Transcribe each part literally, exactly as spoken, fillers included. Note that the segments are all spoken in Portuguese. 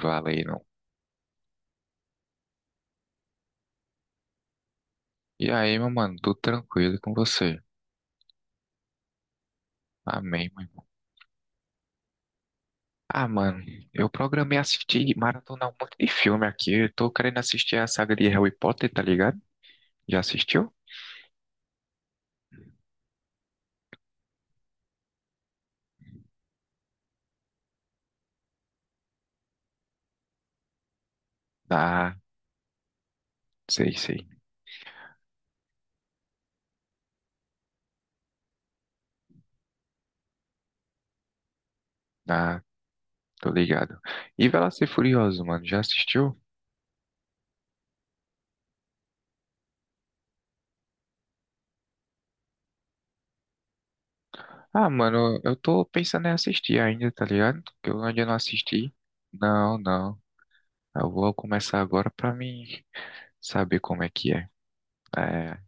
Valeram. E aí, meu mano, tudo tranquilo com você? Amém, meu irmão. Ah, mano, eu programei assistir, maratonar um monte de filme aqui. Eu tô querendo assistir a saga de Harry Potter, tá ligado? Já assistiu? Ah, sei, sei. Ah, tô ligado. E Velozes e Furioso, mano, já assistiu? Ah, mano, eu tô pensando em assistir ainda, tá ligado? Que eu ainda não assisti. Não, não. Eu vou começar agora pra mim saber como é que é. É,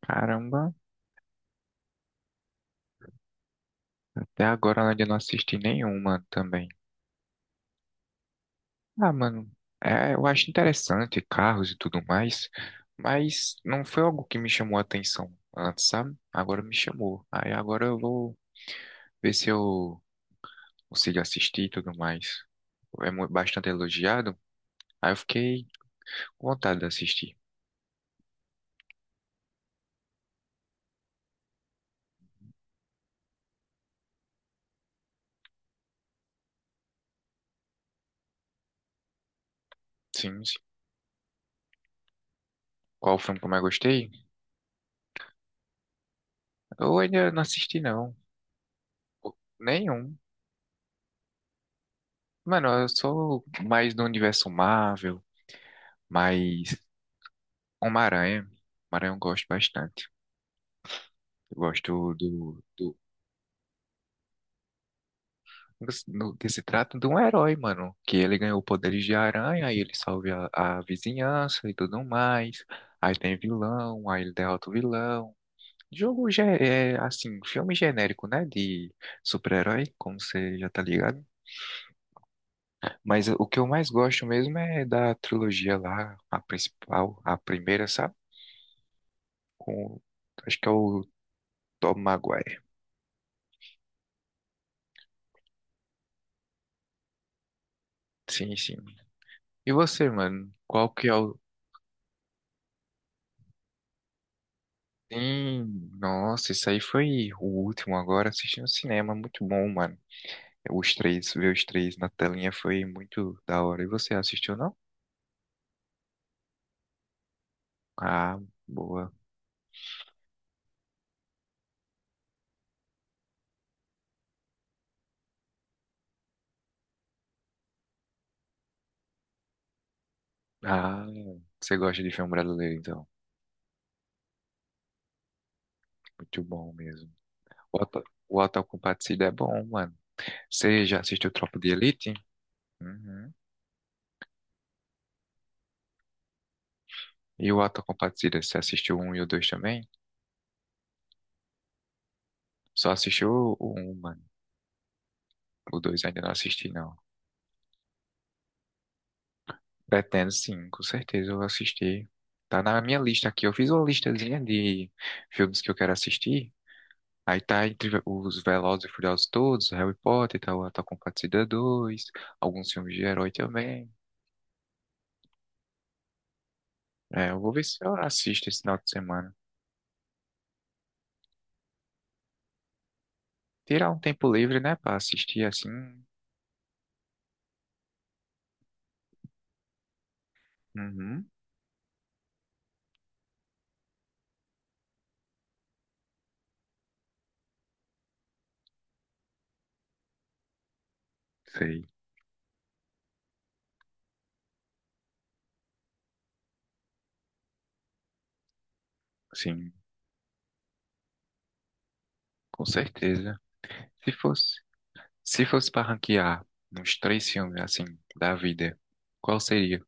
caramba. Até agora além de eu ainda não assisti nenhuma também. Ah, mano, é, eu acho interessante carros e tudo mais, mas não foi algo que me chamou a atenção antes, sabe? Agora me chamou. Aí agora eu vou ver se eu consigo assistir e tudo mais. É mu- bastante elogiado. Aí eu fiquei com vontade de assistir. Sim, sim. Qual filme que eu mais gostei? Eu ainda não assisti, não. Nenhum. Mano, eu sou mais do universo Marvel, mais. Uma aranha. Uma aranha eu gosto bastante. Eu gosto do, do, no que se trata de um herói, mano. Que ele ganhou poderes de aranha, aí ele salva a, a vizinhança e tudo mais. Aí tem vilão, aí ele derrota o vilão. Jogo já é, assim, filme genérico, né? De super-herói, como você já tá ligado. Mas o que eu mais gosto mesmo é da trilogia lá, a principal, a primeira, sabe? Com, acho que é o Tom Maguire. Sim, sim. E você, mano? Qual que é o. Sim, nossa, isso aí foi o último agora assistindo cinema. Muito bom, mano. Os três, ver os três na telinha foi muito da hora. E você assistiu, não? Ah, boa. Ah, você gosta de filme brasileiro, então. Muito bom mesmo. O Auto, o Auto da Compadecida é bom, mano. Você já assistiu Tropa de Elite? Uhum. E o Auto da Compadecida, você assistiu um e o dois também? Só assistiu o um, mano. O dois ainda não assisti, não. Pretendo sim, com certeza eu vou assistir. Tá na minha lista aqui. Eu fiz uma listazinha de filmes que eu quero assistir. Aí tá entre os Velozes e Furiosos todos, Harry Potter, tá o Ato com Batida dois, alguns filmes de herói também. É, eu vou ver se eu assisto esse final de semana. Tirar um tempo livre, né, pra assistir assim. Uhum, sei. Sim, com certeza. Se fosse, se fosse pra ranquear uns três filmes assim da vida, qual seria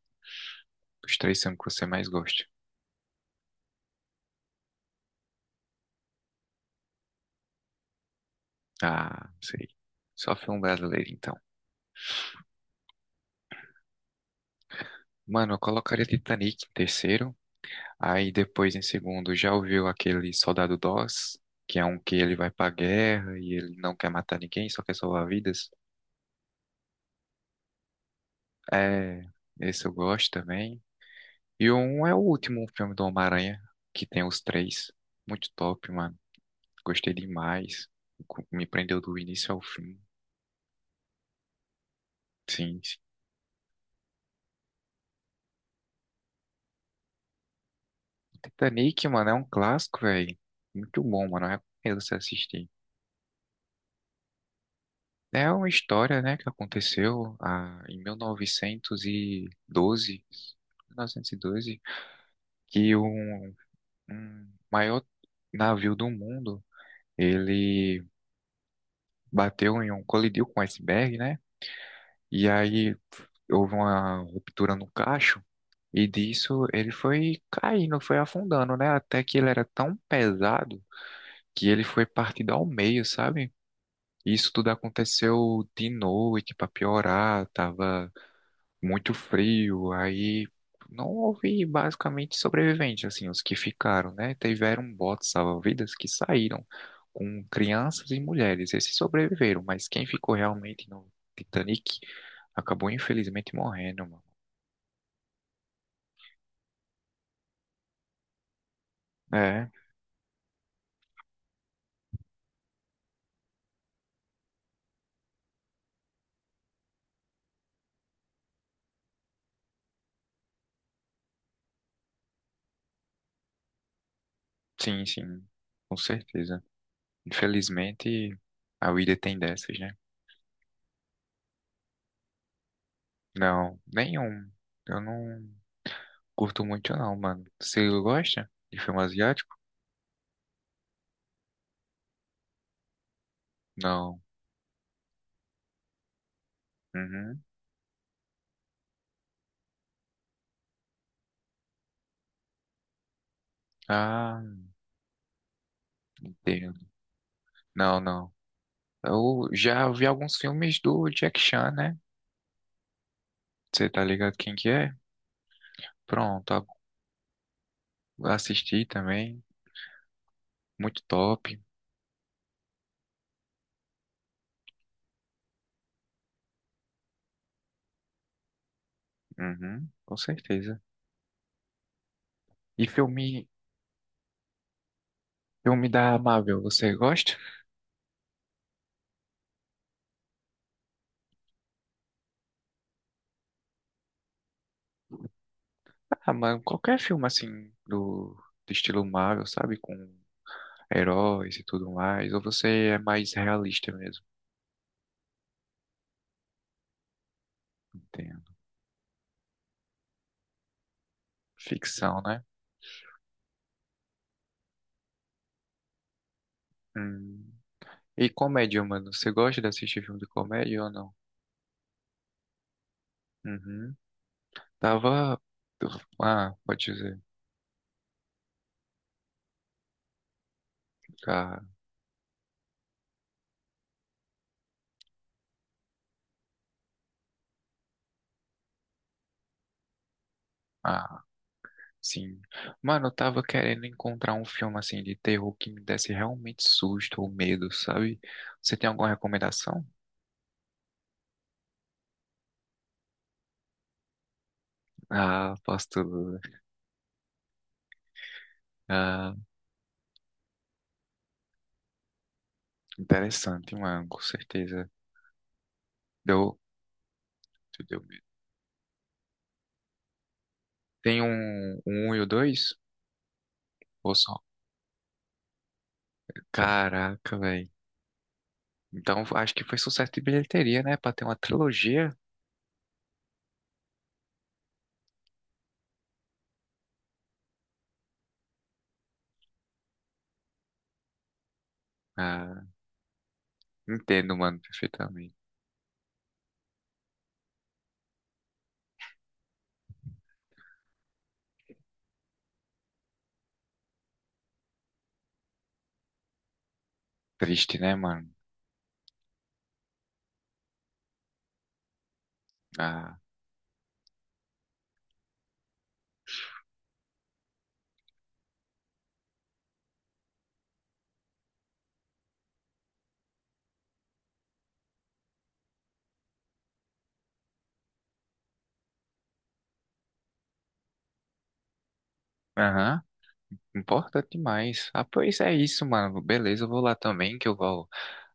os três filmes que você mais gosta? Ah, sei. Só filme brasileiro, então. Mano, eu colocaria Titanic em terceiro. Aí depois, em segundo, já ouviu aquele Soldado Doss, que é um que ele vai pra guerra e ele não quer matar ninguém, só quer salvar vidas. É, esse eu gosto também. E um é o último filme do Homem-Aranha, que tem os três. Muito top, mano. Gostei demais. Co- Me prendeu do início ao fim. Sim, sim. Titanic, mano, é um clássico, velho. Muito bom, mano. Eu recomendo você assistir. É uma história, né, que aconteceu ah, em mil novecentos e doze, mil novecentos e doze, que um, um maior navio do mundo, ele bateu em um, colidiu com um iceberg, né? E aí houve uma ruptura no cacho e disso ele foi caindo, foi afundando, né? Até que ele era tão pesado que ele foi partido ao meio, sabe? Isso tudo aconteceu de noite para piorar, tava muito frio, aí não houve basicamente sobreviventes, assim, os que ficaram, né? Tiveram botes salva-vidas que saíram com crianças e mulheres, esses sobreviveram, mas quem ficou realmente no Titanic acabou infelizmente morrendo, mano. É, sim, sim, com certeza. Infelizmente, a vida tem dessas, né? Não, nenhum. Eu não curto muito, não, mano. Você gosta de filme asiático? Não. Uhum. Ah, não, não. Eu já vi alguns filmes do Jack Chan, né? Você tá ligado quem que é? Pronto, a- assisti também. Muito top. Uhum, com certeza. E filme, filme da Marvel, você gosta? Ah, mano, qualquer filme assim do, do estilo Marvel, sabe? Com heróis e tudo mais. Ou você é mais realista mesmo? Entendo. Ficção, né? Hum. E comédia, mano. Você gosta de assistir filme de comédia ou não? Uhum. Tava. Ah, pode dizer. Ah, ah, sim. Mano, eu tava querendo encontrar um filme assim de terror que me desse realmente susto ou medo, sabe? Você tem alguma recomendação? Ah, posso tudo. Né? Ah, interessante, mano, com certeza. Deu, te deu medo. Tem um, um um e o dois? Ou só? Caraca, velho. Então acho que foi sucesso de bilheteria, né? Pra ter uma trilogia. Ah, entendo, mano, perfeitamente. Triste, né, mano? Ah, aham. Importante demais. Ah, pois é isso, mano. Beleza, eu vou lá também, que eu vou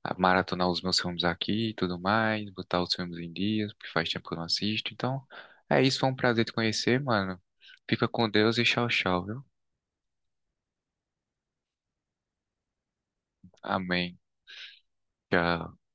ah, maratonar os meus filmes aqui e tudo mais, botar os filmes em dias, porque faz tempo que eu não assisto. Então, é isso, foi um prazer te conhecer, mano. Fica com Deus e tchau, tchau, viu? Amém. Tchau.